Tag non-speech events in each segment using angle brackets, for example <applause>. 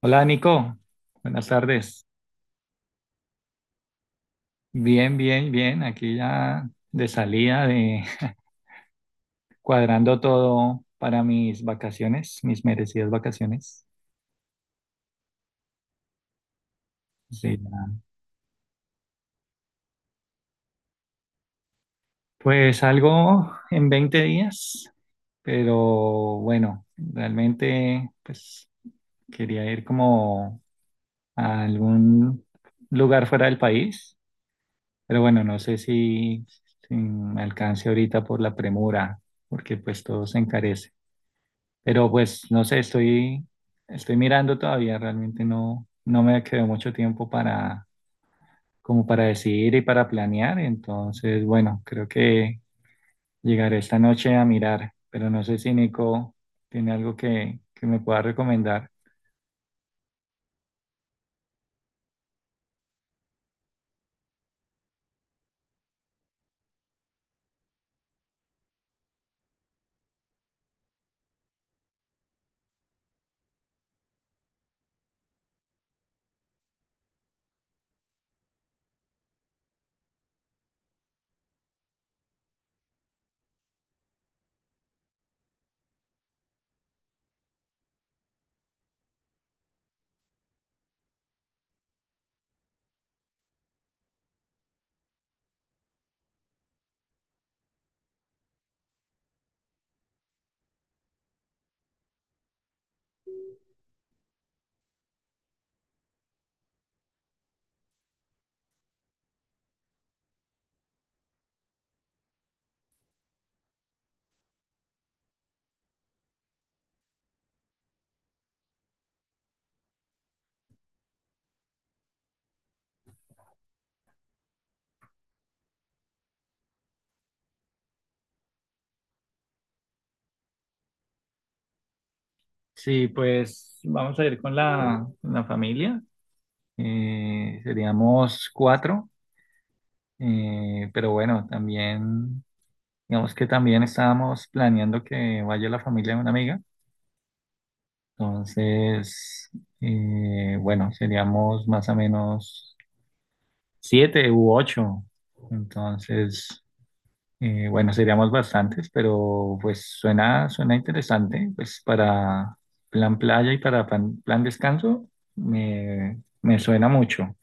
Hola Nico, buenas tardes. Bien, bien, bien. Aquí ya de salida, de <laughs> cuadrando todo para mis vacaciones, mis merecidas vacaciones. Sí, ya. Pues algo en 20 días, pero bueno, realmente pues quería ir como a algún lugar fuera del país, pero bueno, no sé si me alcance ahorita por la premura, porque pues todo se encarece. Pero pues no sé, estoy mirando todavía, realmente no, no me quedó mucho tiempo para, como para decidir y para planear. Entonces, bueno, creo que llegaré esta noche a mirar, pero no sé si Nico tiene algo que me pueda recomendar. Sí, pues vamos a ir con la familia. Seríamos cuatro, pero bueno, también, digamos que también estábamos planeando que vaya la familia de una amiga. Entonces, bueno, seríamos más o menos 7 u 8. Entonces, bueno, seríamos bastantes, pero pues suena interesante. Pues para plan playa y para plan descanso me suena mucho.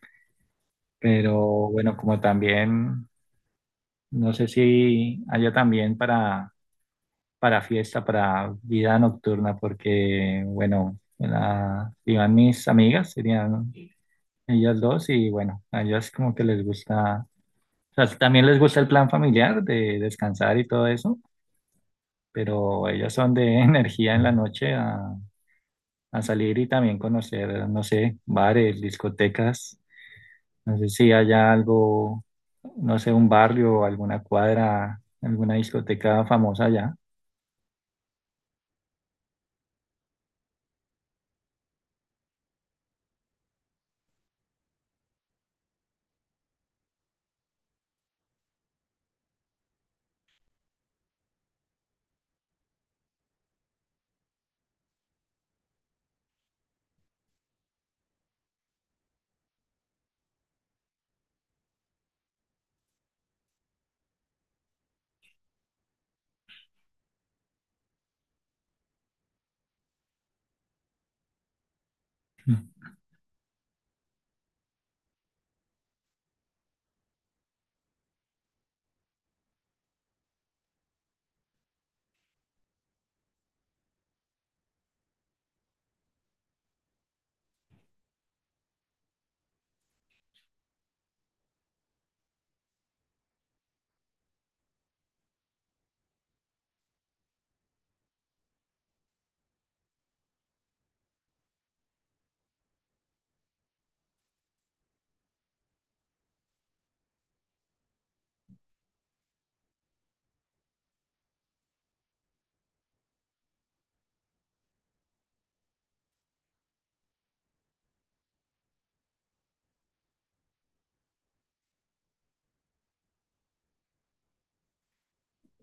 Pero bueno, como también, no sé si haya también para fiesta, para vida nocturna, porque bueno, iban mis amigas, serían ellas dos y bueno, a ellas como que les gusta, o sea, también les gusta el plan familiar de descansar y todo eso, pero ellas son de <laughs> energía en la noche a salir y también conocer, no sé, bares, discotecas, no sé si haya algo, no sé, un barrio, alguna cuadra, alguna discoteca famosa allá.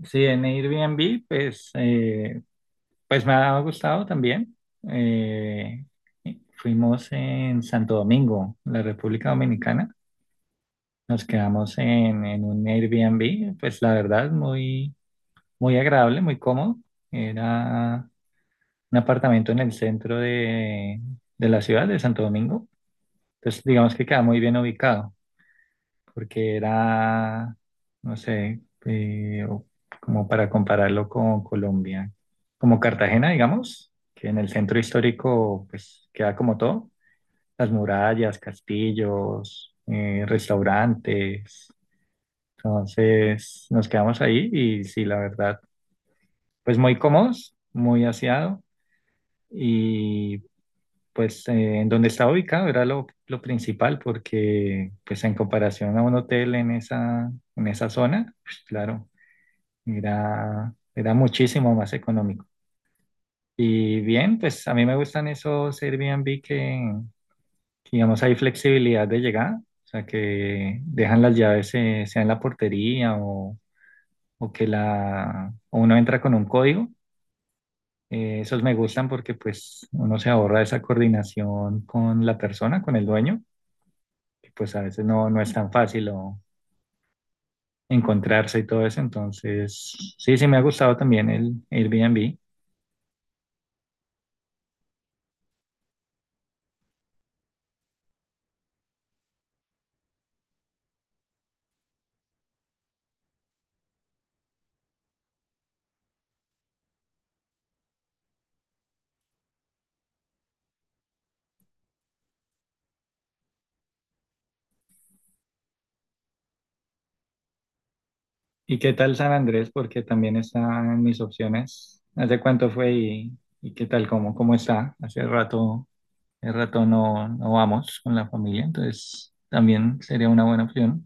Sí, en Airbnb, pues me ha gustado también. Eh, fuimos en Santo Domingo, la República Dominicana. Nos quedamos en un Airbnb, pues la verdad, muy, muy agradable, muy cómodo. Era un apartamento en el centro de la ciudad de Santo Domingo. Entonces, digamos que queda muy bien ubicado, porque era, no sé, como para compararlo con Colombia, como Cartagena, digamos, que en el centro histórico, pues queda como todo, las murallas, castillos, restaurantes. Entonces nos quedamos ahí y sí, la verdad, pues muy cómodos, muy aseado y pues en donde estaba ubicado era lo principal porque pues en comparación a un hotel en esa zona, pues claro, era muchísimo más económico. Y bien, pues a mí me gustan esos Airbnb que, digamos, hay flexibilidad de llegada, o sea, que dejan las llaves sea en la portería o uno entra con un código. Esos me gustan porque pues uno se ahorra esa coordinación con la persona, con el dueño, que pues a veces no, no es tan fácil o encontrarse y todo eso. Entonces, sí, sí me ha gustado también el Airbnb. ¿Y qué tal San Andrés? Porque también está en mis opciones. ¿Hace cuánto fue y qué tal? ¿Cómo está? Hace rato, no, no vamos con la familia, entonces también sería una buena opción.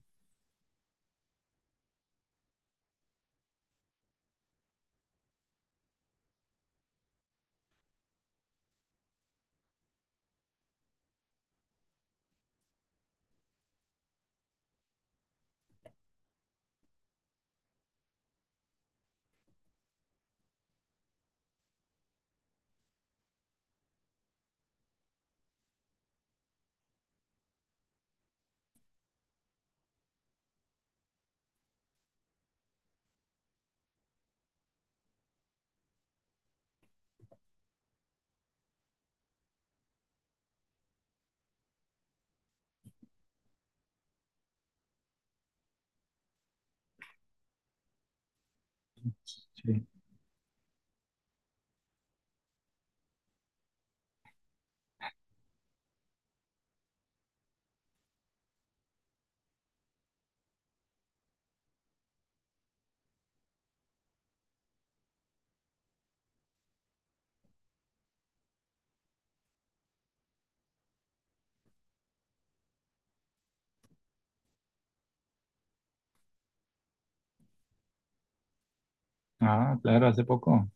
Sí. Ah, claro, hace poco.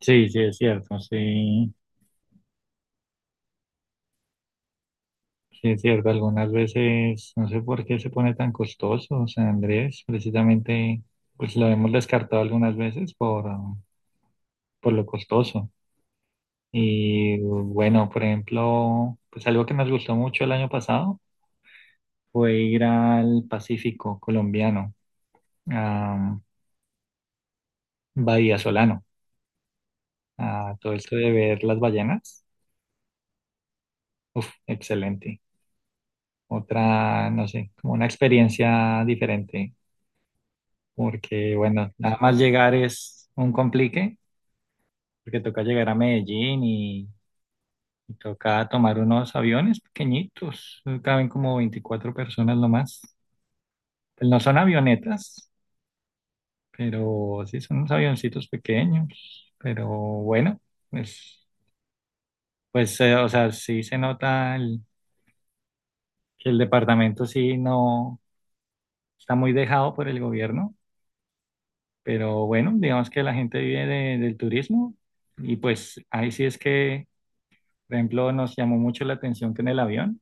Sí, sí, es cierto, sí, sí, es cierto. Algunas veces, no sé por qué se pone tan costoso San Andrés, precisamente, pues lo hemos descartado algunas veces por lo costoso. Y bueno, por ejemplo, pues algo que nos gustó mucho el año pasado fue ir al Pacífico colombiano, a Bahía Solano, a todo esto de ver las ballenas. Uf, excelente. Otra, no sé, como una experiencia diferente porque bueno, nada más llegar es un complique, porque toca llegar a Medellín y toca tomar unos aviones pequeñitos, caben como 24 personas nomás. Pues no son avionetas, pero sí son unos avioncitos pequeños, pero bueno, pues, pues o sea, sí se nota que el departamento sí no está muy dejado por el gobierno, pero bueno, digamos que la gente vive del turismo y pues ahí sí es que. Por ejemplo, nos llamó mucho la atención que en el avión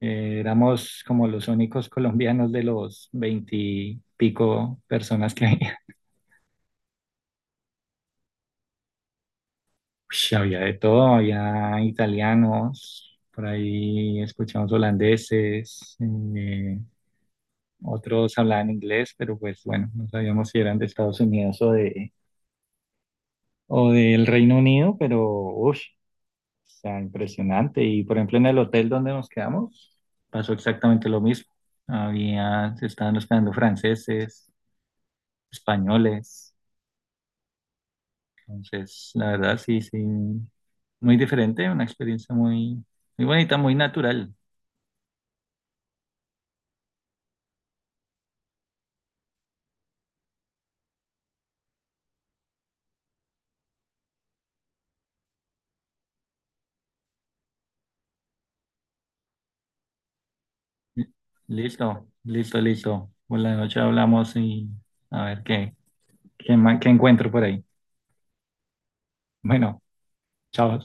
éramos como los únicos colombianos de los veintipico personas que había. <laughs> Ush, había de todo, había italianos, por ahí escuchamos holandeses, eh, otros hablaban inglés, pero pues bueno, no sabíamos si eran de Estados Unidos o del Reino Unido, pero uff. O sea, impresionante. Y por ejemplo, en el hotel donde nos quedamos, pasó exactamente lo mismo. Se estaban hospedando franceses, españoles. Entonces, la verdad, sí, sí, muy diferente, una experiencia muy, muy bonita, muy natural. Listo, listo, listo. Por la noche hablamos y a ver qué encuentro por ahí. Bueno, chao.